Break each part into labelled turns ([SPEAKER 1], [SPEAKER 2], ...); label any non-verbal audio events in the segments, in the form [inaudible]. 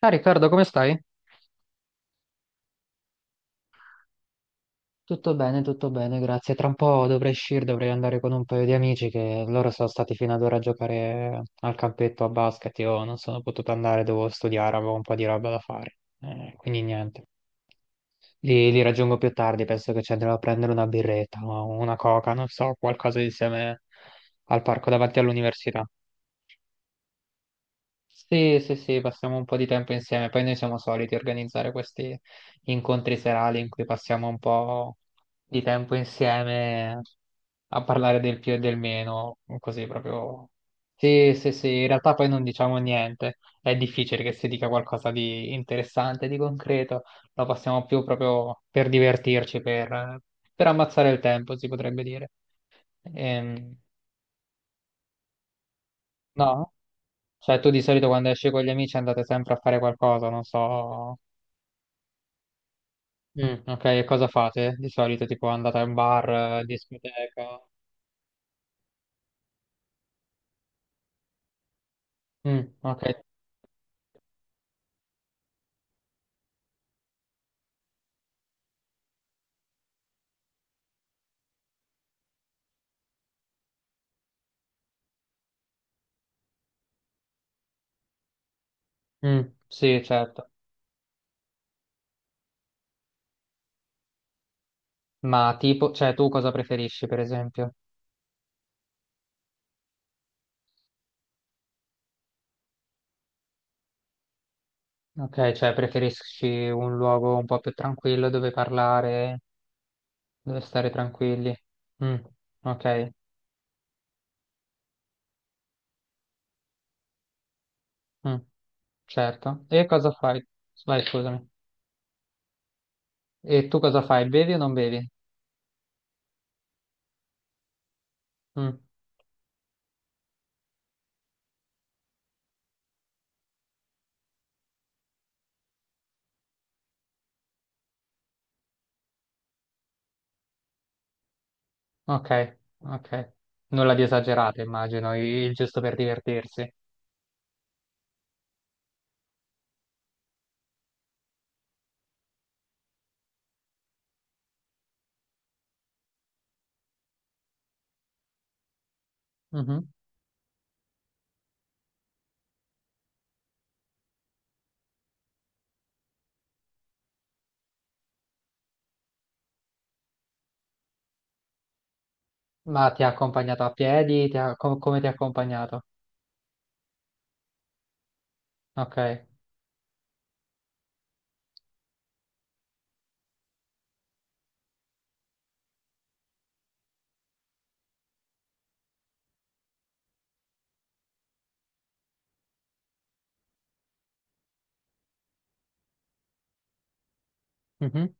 [SPEAKER 1] Ah, Riccardo, come stai? Tutto bene, grazie. Tra un po' dovrei uscire, dovrei andare con un paio di amici che loro sono stati fino ad ora a giocare al campetto a basket. Io non sono potuto andare, dovevo studiare, avevo un po' di roba da fare. Quindi niente. Li raggiungo più tardi, penso che ci andrò a prendere una birretta o una coca, non so, qualcosa insieme al parco davanti all'università. Sì, sì, sì, passiamo un po' di tempo insieme, poi noi siamo soliti organizzare questi incontri serali in cui passiamo un po' di tempo insieme a parlare del più e del meno, così proprio... Sì, sì, sì, in realtà poi non diciamo niente, è difficile che si dica qualcosa di interessante, di concreto, lo passiamo più proprio per divertirci, per ammazzare il tempo, si potrebbe dire. Ehm, no? Cioè, tu di solito quando esci con gli amici andate sempre a fare qualcosa, non so. Mm, ok, e cosa fate? Di solito, tipo, andate a un bar, discoteca. Mm, ok. Mm, sì, certo. Ma tipo, cioè, tu cosa preferisci, per esempio? Ok, cioè, preferisci un luogo un po' più tranquillo dove parlare, dove stare tranquilli. Mm, ok. Mm, certo. E cosa fai? Vai, scusami. E tu cosa fai? Bevi o non bevi? Mm. Ok, ok. Nulla di esagerato, immagino, il giusto per divertirsi. Mhm. Ma ti ha accompagnato a piedi? Come ti ha accompagnato? Ok. Mhm,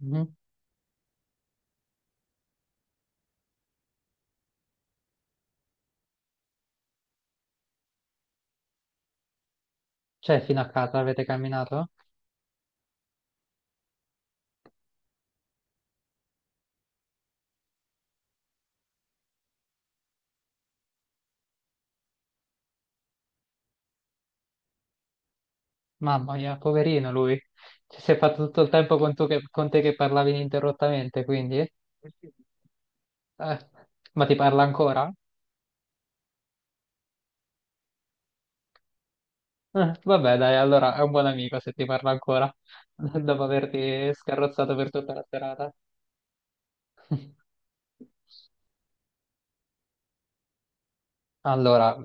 [SPEAKER 1] mhm. Cioè, fino a casa avete camminato? Mamma mia, poverino lui. Ci sei fatto tutto il tempo con, con te che parlavi ininterrottamente, quindi? Eh, ma ti parla ancora? Vabbè, dai, allora è un buon amico se ti parla ancora, [laughs] dopo averti scarrozzato per tutta la serata. [laughs] Allora,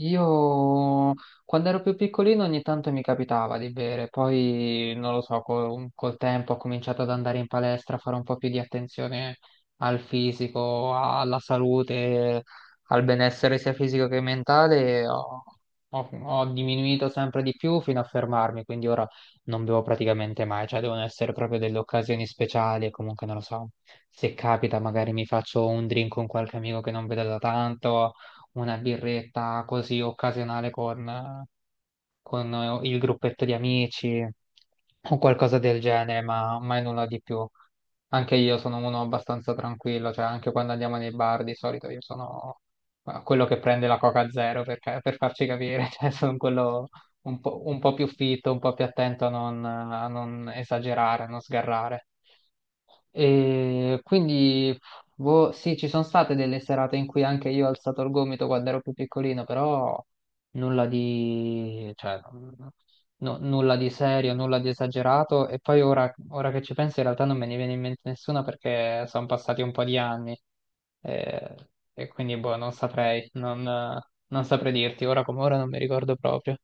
[SPEAKER 1] io quando ero più piccolino ogni tanto mi capitava di bere, poi non lo so, col tempo ho cominciato ad andare in palestra, a fare un po' più di attenzione al fisico, alla salute, al benessere sia fisico che mentale, ho diminuito sempre di più fino a fermarmi, quindi ora non bevo praticamente mai, cioè devono essere proprio delle occasioni speciali e comunque non lo so, se capita magari mi faccio un drink con qualche amico che non vedo da tanto, una birretta così occasionale con il gruppetto di amici o qualcosa del genere, ma mai nulla di più. Anche io sono uno abbastanza tranquillo, cioè anche quando andiamo nei bar di solito io sono quello che prende la Coca Zero per farci capire, [laughs] cioè sono quello un po' più fitto, un po' più attento a non esagerare, a non sgarrare. E quindi, boh, sì, ci sono state delle serate in cui anche io ho alzato il gomito quando ero più piccolino, però nulla di, cioè, nulla di serio, nulla di esagerato. E poi ora che ci penso, in realtà non me ne viene in mente nessuna perché sono passati un po' di anni. eh, E quindi, boh, non saprei, non saprei dirti, ora come ora non mi ricordo proprio.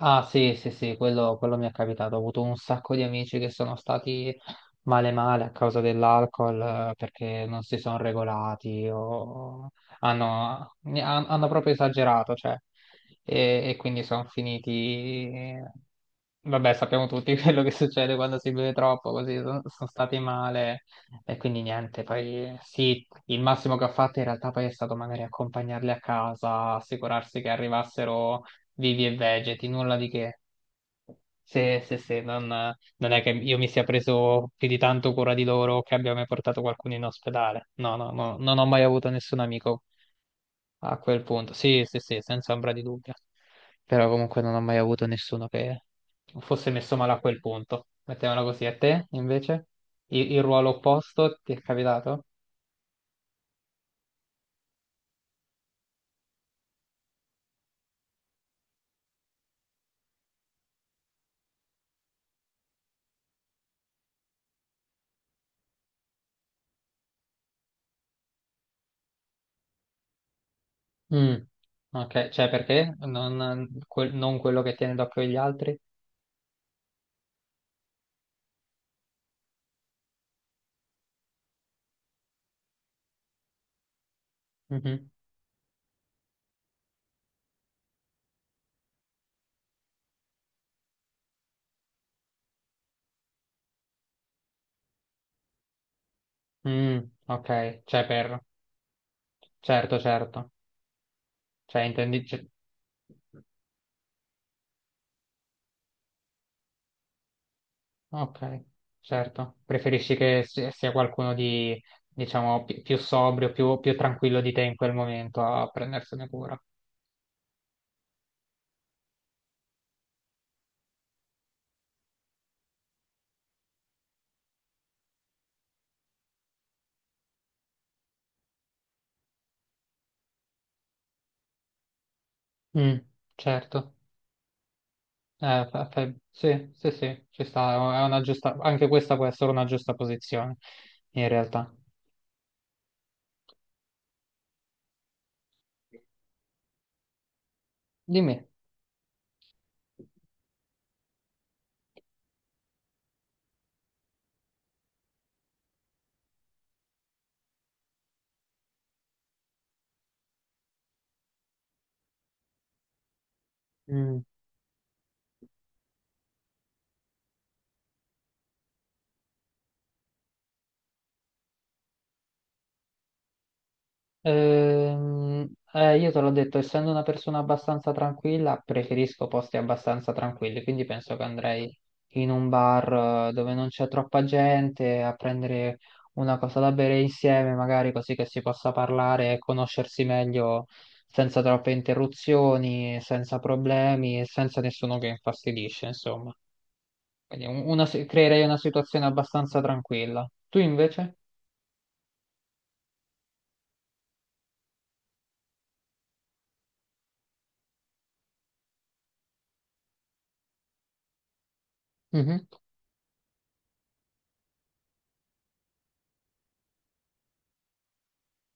[SPEAKER 1] Ah sì, sì, sì, quello mi è capitato. Ho avuto un sacco di amici che sono stati male male a causa dell'alcol, perché non si sono regolati o hanno proprio esagerato, cioè, e quindi sono finiti... Vabbè, sappiamo tutti [laughs] quello che succede quando si beve troppo, così sono stati male e quindi niente, poi sì, il massimo che ho fatto in realtà poi è stato magari accompagnarli a casa, assicurarsi che arrivassero vivi e vegeti, nulla di che. Se, se, se, non è che io mi sia preso più di tanto cura di loro o che abbia mai portato qualcuno in ospedale. No, no, no, non ho mai avuto nessun amico a quel punto. Sì, sì, sì, senza ombra di dubbio. Però comunque non ho mai avuto nessuno che fosse messo male a quel punto. Mettiamola così. A te, invece? Il ruolo opposto ti è capitato? Mm, ok, cioè perché? Non quello che tiene d'occhio gli altri? Mhm. Mm, ok, cioè per... Certo, certo. Cioè, intendi... cioè, ok, certo. Preferisci che sia qualcuno di, diciamo, più sobrio, più tranquillo di te in quel momento a prendersene cura. Mm, certo. Sì, sì, sì, ci sta. È una giusta... Anche questa può essere una giusta posizione, in realtà. Dimmi. Mm. Ehm, io te l'ho detto, essendo una persona abbastanza tranquilla, preferisco posti abbastanza tranquilli, quindi penso che andrei in un bar dove non c'è troppa gente a prendere una cosa da bere insieme, magari così che si possa parlare e conoscersi meglio senza troppe interruzioni, senza problemi e senza nessuno che infastidisce, insomma. Quindi creerei una situazione abbastanza tranquilla. Tu invece? Mhm.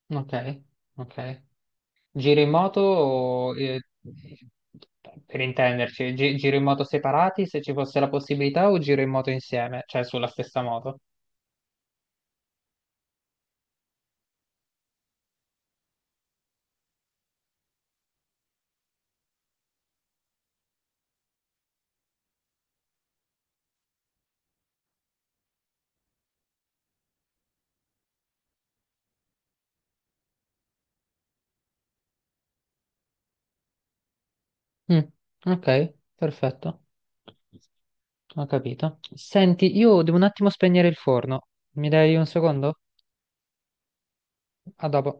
[SPEAKER 1] Ok, ok. Giri in moto, per intenderci, giri in moto separati se ci fosse la possibilità o giro in moto insieme, cioè sulla stessa moto? Mm, ok, perfetto, ho capito. Senti, io devo un attimo spegnere il forno. Mi dai un secondo? A dopo.